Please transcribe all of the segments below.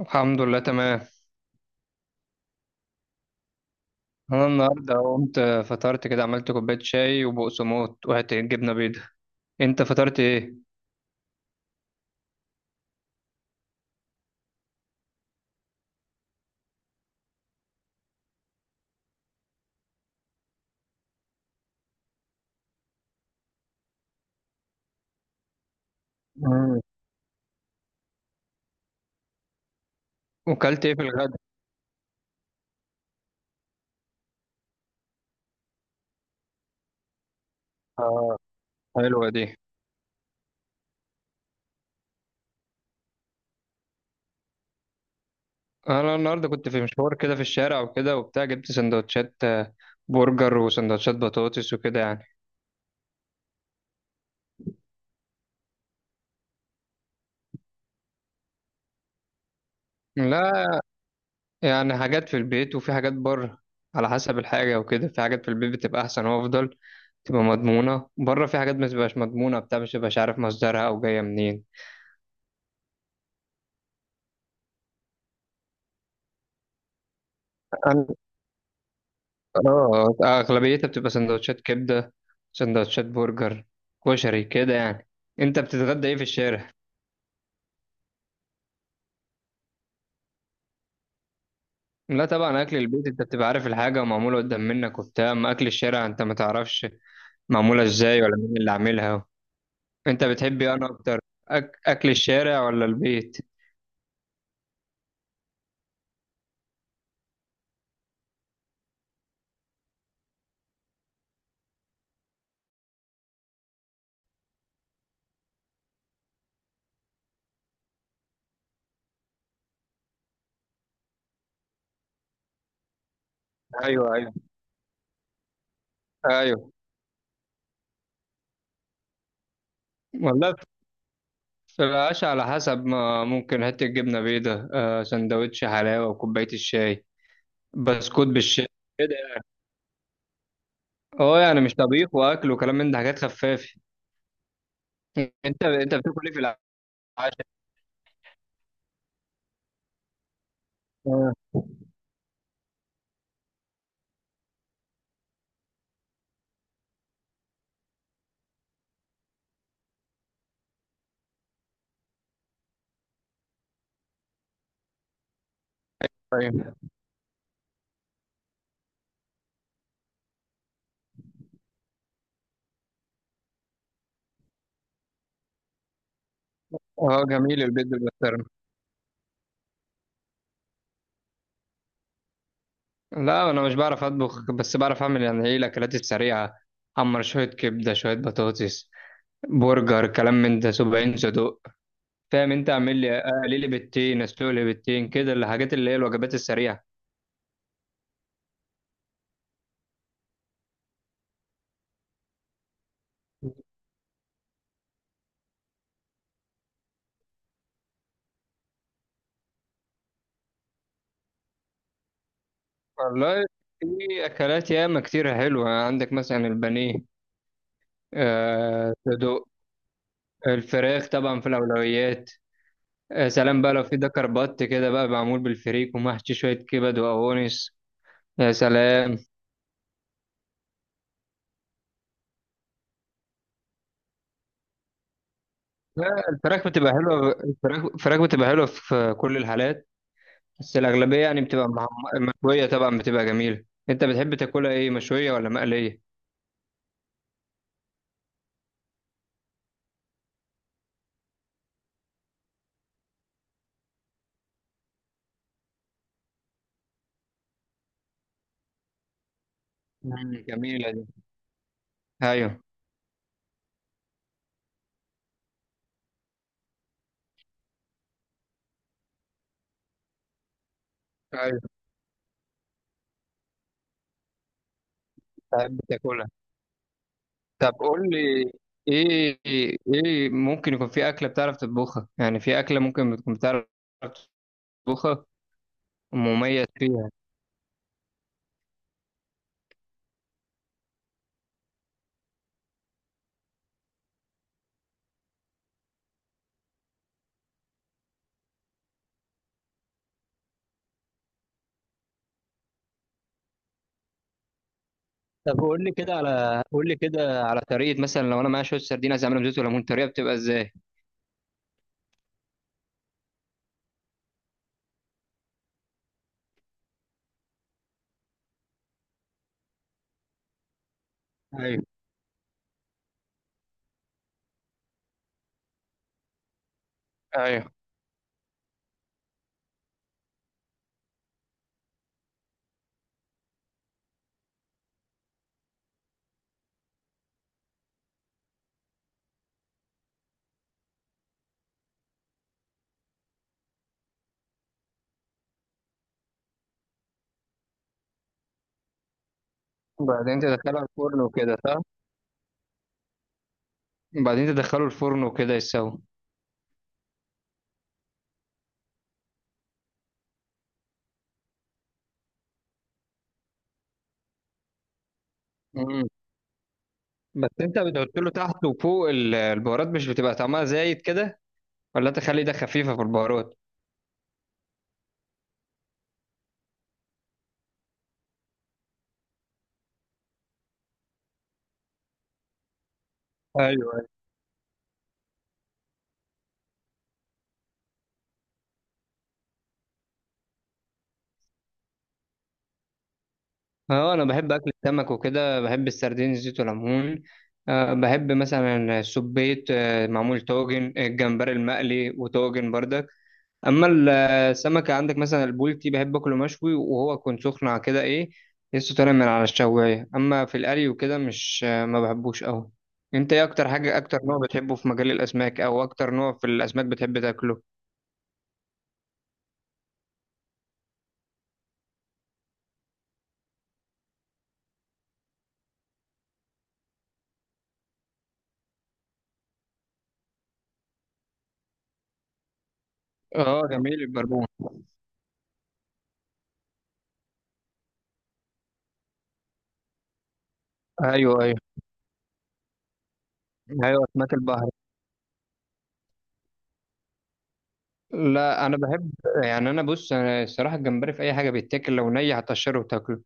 الحمد لله تمام. انا النهارده قمت، فطرت كده، عملت كوبايه شاي وبقسموط وحته جبنه بيضه. انت فطرت ايه؟ مم. وكلت ايه في الغدا؟ اه، حلوه دي. انا النهارده كنت في مشوار كده في الشارع وكده وبتاع، جبت سندوتشات برجر وسندوتشات بطاطس وكده يعني. لا، يعني حاجات في البيت وفي حاجات بره، على حسب الحاجه وكده. في حاجات في البيت بتبقى احسن وافضل، تبقى مضمونه. بره في حاجات ما بتبقاش مضمونه، بتاع مش بتبقاش عارف مصدرها او جايه منين. اه، اغلبيتها بتبقى سندوتشات كبده، سندوتشات برجر، كشري كده يعني. انت بتتغدى ايه في الشارع؟ لا طبعا، اكل البيت انت بتبقى عارف الحاجه ومعموله قدام منك وبتاع. اما اكل الشارع انت ما تعرفش معموله ازاي ولا مين اللي عاملها. انت بتحب ايه انا اكتر، اكل الشارع ولا البيت؟ ايوه ايوه. ايوه والله، في العشاء على حسب. ما ممكن حته جبنه بيضه، آه، سندوتش حلاوه وكوبايه الشاي. بسكوت بالشاي كده. اه يعني مش طبيخ واكل وكلام من ده، حاجات خفافه. انت بتاكل ايه في العشاء؟ اه. طيب. اه، جميل البيض بالبسطرمه. لا انا مش بعرف اطبخ، بس بعرف اعمل يعني ايه الاكلات السريعه. حمر شويه كبده، شويه بطاطس، برجر، كلام من ده 70 صدوق. فاهم انت، اعمل لي اقلي لي بيضتين، اسلق لي بيضتين كده، الحاجات اللي هي الوجبات السريعه. والله، في اكلات ياما كتير حلوه عندك مثلا البانيه، آه صدوق. الفراخ طبعا في الاولويات. يا سلام بقى لو في دكر بط كده بقى، معمول بالفريك ومحشي شوية كبد وقوانص. يا سلام. لا، الفراخ بتبقى حلوة، الفراخ بتبقى حلوة في كل الحالات. بس الأغلبية يعني بتبقى مشوية طبعا، بتبقى جميلة. أنت بتحب تاكلها إيه، مشوية ولا مقلية؟ مم، جميلة دي. أيوه أيوه. بتحب تاكلها. طب قول لي إيه، إيه ممكن يكون في أكلة بتعرف تطبخها؟ يعني في أكلة ممكن بتكون بتعرف تطبخها ومميز فيها. طب قول لي كده على، قول لي كده على طريقه مثلا، لو انا معايا شويه سردين عايز اعملهم زيت وليمون، الطريقه بتبقى ازاي؟ ايوه ايوه. وبعدين تدخله الفرن وكده صح؟ وبعدين تدخله الفرن وكده يستوي. امم. بس انت بتحط له تحت وفوق البهارات، مش بتبقى طعمها زايد كده؟ ولا انت خلي ده خفيفه في البهارات؟ ايوه. اه انا بحب اكل السمك وكده، بحب السردين زيت وليمون. أه بحب مثلا السبيط، معمول طاجن، الجمبري المقلي وطاجن برضك. اما السمك عندك مثلا البولتي، بحب اكله مشوي وهو يكون سخن على كده ايه، لسه طالع من على الشوايه. اما في القلي وكده مش، ما بحبوش قوي. انت ايه اكتر حاجه، اكتر نوع بتحبه في مجال الاسماك، او اكتر نوع في الاسماك بتحب تاكله؟ اه جميل البربون. ايوه ايوه. ايوه اسماك البحر. لا انا بحب، يعني انا بص، انا الصراحه الجمبري في اي حاجه بيتاكل، لو ني هتقشره وتاكله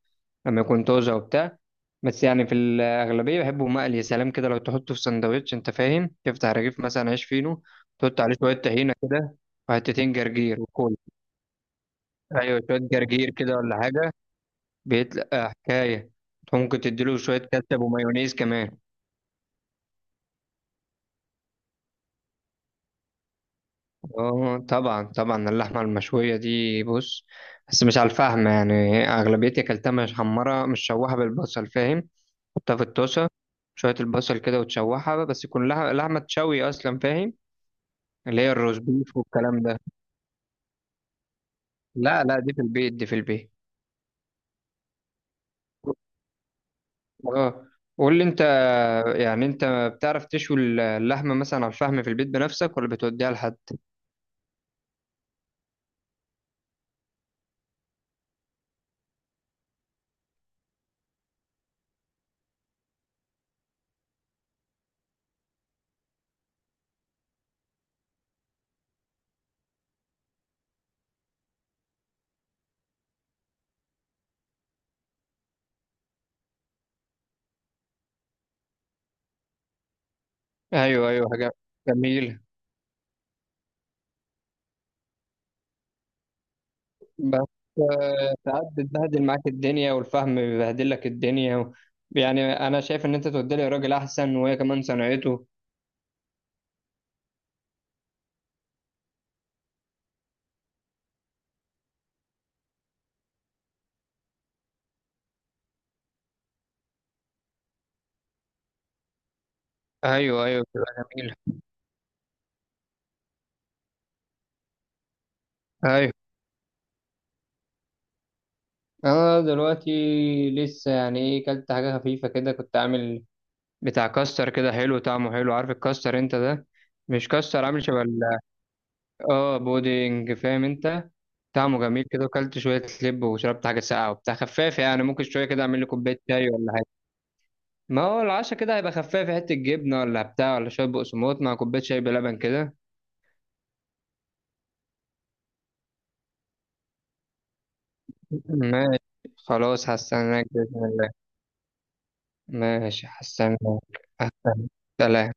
لما يكون طازه وبتاع. بس يعني في الاغلبيه بحبه مقلي. يا سلام كده لو تحطه في سندوتش، انت فاهم، تفتح رغيف مثلا عيش فينو، تحط عليه شويه طحينه كده، وحتتين جرجير وكول. ايوه شويه جرجير كده ولا حاجه، بيتلقى حكايه. ممكن تديله شويه كاتشب ومايونيز كمان. اه طبعا طبعا، اللحمة المشوية دي بص، بس مش على الفحم. يعني أغلبيتي أكلتها مش حمرة، مش شوحة بالبصل، فاهم؟ حطها في الطاسة شوية البصل كده وتشوحها، بس يكون لحمة تشوي أصلا، فاهم؟ اللي هي الروز بيف والكلام ده. لا لا، دي في البيت، دي في البيت. اه. قول لي أنت، يعني أنت بتعرف تشوي اللحمة مثلا على الفحم في البيت بنفسك، ولا بتوديها لحد؟ أيوه أيوه، حاجة جميلة. بس ساعات بتبهدل معاك الدنيا، والفهم بيبهدل لك الدنيا. و... يعني انا شايف ان انت تودي لي راجل احسن، وهي كمان صنعته. ايوه ايوه، بتبقى جميله. ايوه. انا دلوقتي لسه يعني، ايه كلت حاجه خفيفه كده، كنت عامل بتاع كاستر كده، حلو طعمه حلو، عارف الكاستر انت ده، مش كاستر، عامل شبه اه بودنج، فاهم انت، طعمه جميل كده. وكلت شويه لب وشربت حاجه ساقعه وبتاع خفاف يعني. ممكن شويه كده اعمل لي كوبايه شاي ولا حاجه. ما هو العشا كده هيبقى خفيف، في حتة جبنة ولا بتاع، ولا شوية بقسماط مع كوباية شاي بلبن كده. ماشي، خلاص هستناك بإذن الله. ماشي، هستناك. هستناك، سلام.